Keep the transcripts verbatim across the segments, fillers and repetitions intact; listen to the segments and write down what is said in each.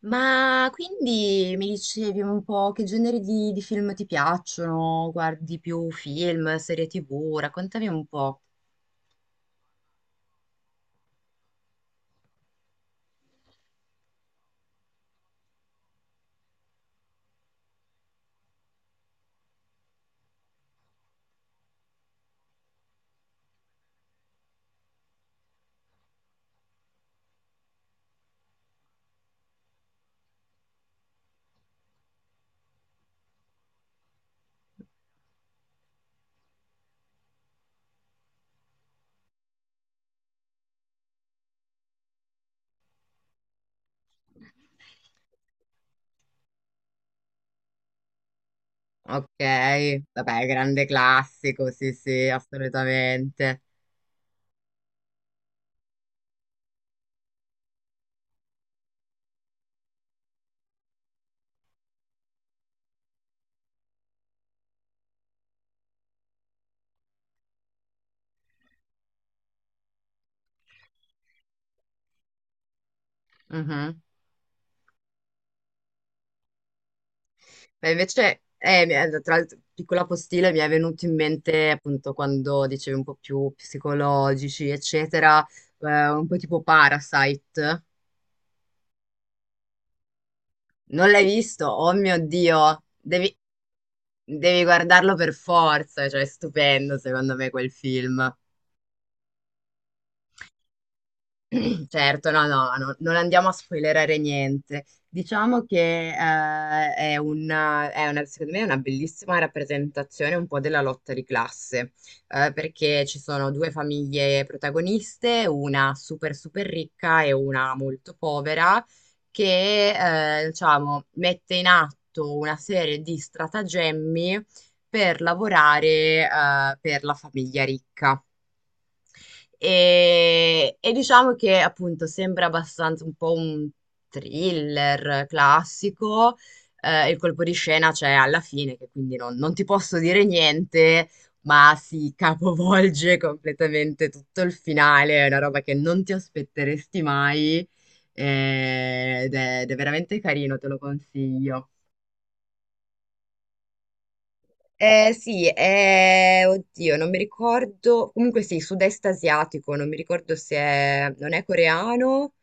Ma quindi mi dicevi un po' che generi di, di film ti piacciono? Guardi più film, serie ti vu? Raccontami un po'. Ok, vabbè, grande classico, sì, sì, assolutamente. Mhm. Beh, invece, eh, mi è- tra l'altro, piccola postilla, mi è venuto in mente appunto quando dicevi un po' più psicologici, eccetera, eh, un po' tipo Parasite. Non l'hai visto? Oh mio Dio, devi... Devi guardarlo per forza, cioè è stupendo secondo me quel film. Certo, no, no, no, non andiamo a spoilerare niente. Diciamo che eh, è una, è una- secondo me è una bellissima rappresentazione un po' della lotta di classe, eh, perché ci sono due famiglie protagoniste, una super super ricca e una molto povera, che eh, diciamo, mette in atto una serie di stratagemmi per lavorare eh, per la famiglia ricca. E, e diciamo che appunto sembra abbastanza un po' un thriller classico. Eh, il colpo di scena c'è alla fine, che quindi non, non ti posso dire niente, ma si capovolge completamente tutto il finale. È una roba che non ti aspetteresti mai. eh, Ed è ed è veramente carino, te lo consiglio. Eh, sì, eh, oddio, non mi ricordo. Comunque sì, sud-est asiatico, non mi ricordo se è, non è coreano,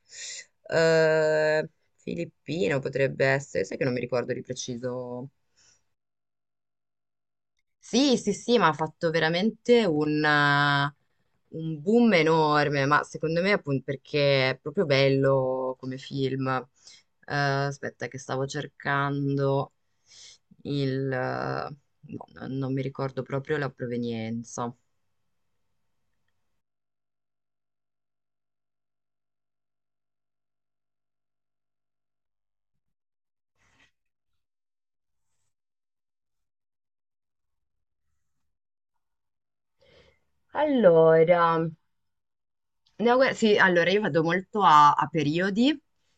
eh, filippino potrebbe essere, sai che non mi ricordo di preciso. Sì, sì, sì, ma ha fatto veramente un, un boom enorme, ma secondo me appunto perché è proprio bello come film. Eh, aspetta che stavo cercando il... eh, no, non non mi ricordo proprio la provenienza. Allora, no, guarda, sì, allora io vado molto a, a periodi,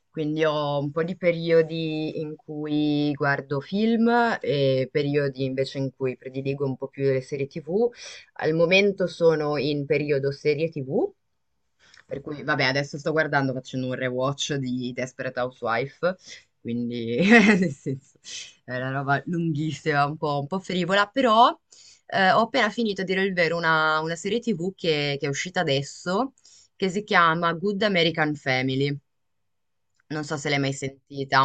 quindi ho un po' di periodi in cui guardo film e periodi invece in cui prediligo un po' più le serie ti vu. Al momento sono in periodo serie ti vu. Per cui, vabbè, adesso sto guardando, facendo un rewatch di Desperate Housewife, quindi nel senso, è una roba lunghissima, un po', un po' frivola, però eh, ho appena finito, a dire il vero, una, una serie ti vu che, che è uscita adesso, che si chiama Good American Family. Non so se l'hai mai sentita.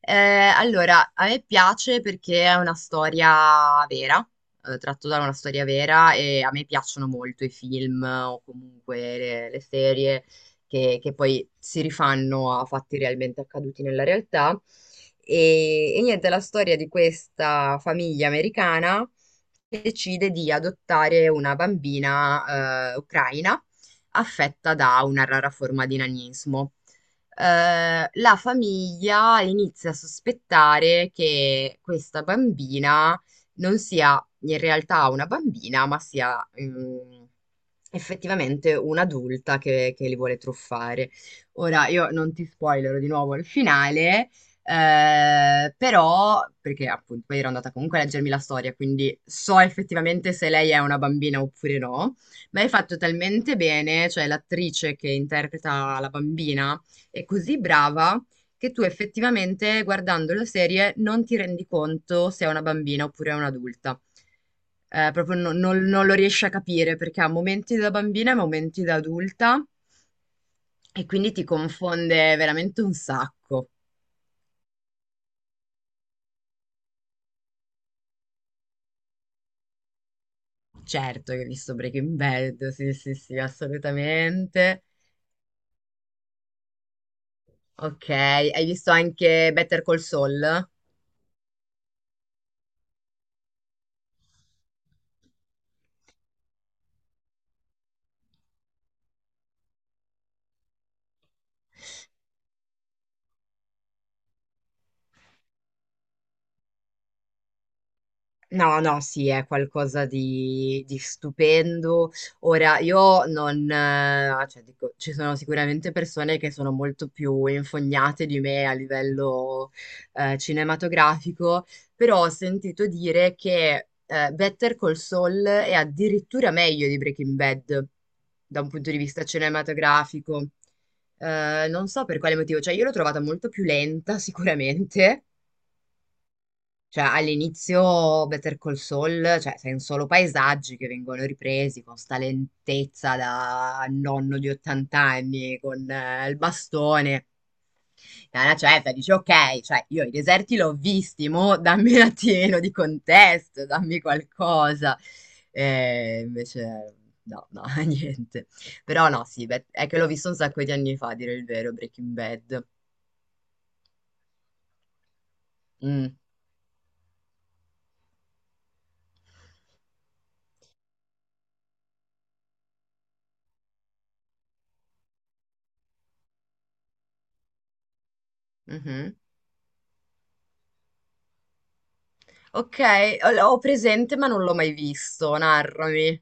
Eh, allora, a me piace perché è una storia vera, eh, tratto da una storia vera e a me piacciono molto i film o comunque le, le serie che, che poi si rifanno a fatti realmente accaduti nella realtà. E, e niente, è la storia di questa famiglia americana che decide di adottare una bambina, eh, ucraina affetta da una rara forma di nanismo. Eh, la famiglia inizia a sospettare che questa bambina non sia in realtà una bambina, ma sia mm, effettivamente un'adulta che, che li vuole truffare. Ora, io non ti spoilerò di nuovo il finale. Eh, però, perché appunto poi ero andata comunque a leggermi la storia, quindi so effettivamente se lei è una bambina oppure no, ma è fatto talmente bene, cioè l'attrice che interpreta la bambina, è così brava che tu effettivamente guardando la serie non ti rendi conto se è una bambina oppure è un'adulta. Eh, proprio no- non, non lo riesci a capire perché ha momenti da bambina e momenti da adulta e quindi ti confonde veramente un sacco. Certo che hai visto Breaking Bad, sì, sì, sì, assolutamente. Ok, hai visto anche Better Call Saul? No, no, sì, è qualcosa di, di stupendo. Ora, io non, eh, cioè, dico, ci sono sicuramente persone che sono molto più infognate di me a livello, eh, cinematografico, però ho sentito dire che, eh, Better Call Saul è addirittura meglio di Breaking Bad da un punto di vista cinematografico. Eh, non so per quale motivo, cioè io l'ho trovata molto più lenta sicuramente, cioè, all'inizio Better Call Saul, cioè, sono solo paesaggi che vengono ripresi con sta lentezza da nonno di ottant'anni anni, con eh, il bastone. E alla certa dici, ok, cioè, io i deserti l'ho visti, mo dammi un attimino di contesto, dammi qualcosa. E invece, no, no, niente. Però no, sì, beh, è che l'ho visto un sacco di anni fa, a dire il vero, Breaking Bad. Mm, mhm. Ok, ho, l'ho presente ma non l'ho mai visto, narrami.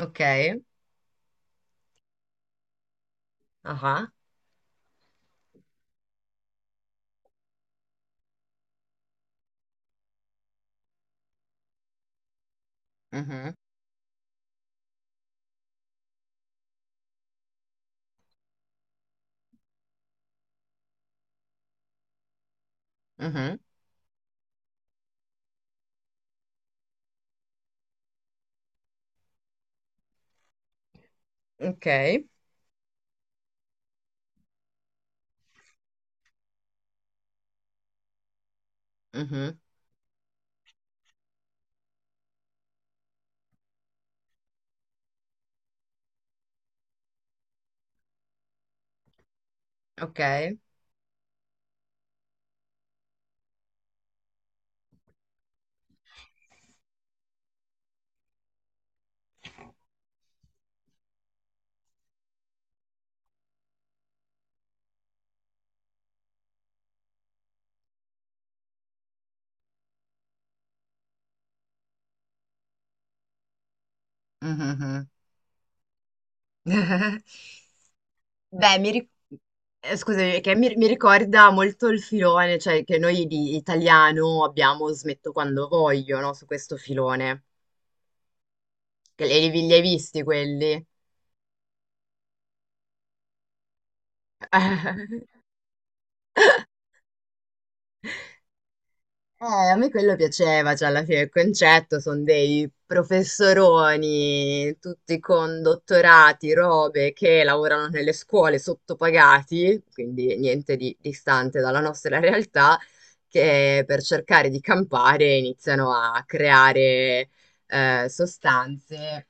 Ok. Ah. Mhm. Mhm. Ok. Mhm. Ok. Mhm. Beh, mi ricordo... Eh, scusami, che mi, mi ricorda molto il filone, cioè che noi di italiano abbiamo smetto quando voglio, no? Su questo filone. Che li, li hai visti quelli? Eh, a me quello piaceva, cioè alla fine il concetto sono dei professoroni, tutti con dottorati, robe, che lavorano nelle scuole sottopagati, quindi niente di distante dalla nostra realtà, che per cercare di campare iniziano a creare eh, sostanze,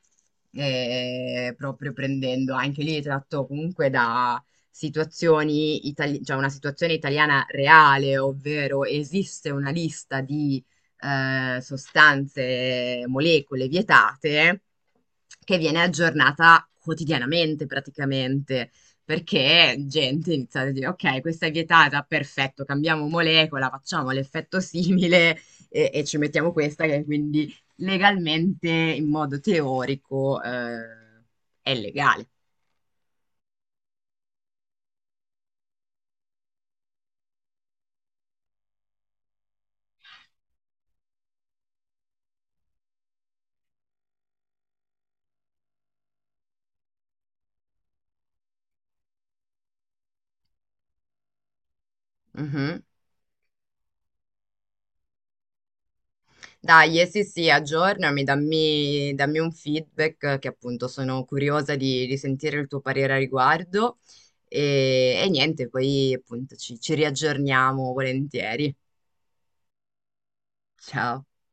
eh, proprio prendendo anche lì tratto comunque situazioni itali- cioè una situazione italiana reale, ovvero esiste una lista di eh, sostanze, molecole vietate che viene aggiornata quotidianamente praticamente. Perché gente inizia a dire, ok, questa è vietata, perfetto, cambiamo molecola, facciamo l'effetto simile e, e ci mettiamo questa che quindi legalmente, in modo teorico, eh, è legale. Mhm. Dai, eh, sì, sì, aggiornami, dammi, dammi un feedback eh, che appunto sono curiosa di, di sentire il tuo parere a riguardo e, e niente, poi appunto ci ci riaggiorniamo volentieri. Ciao.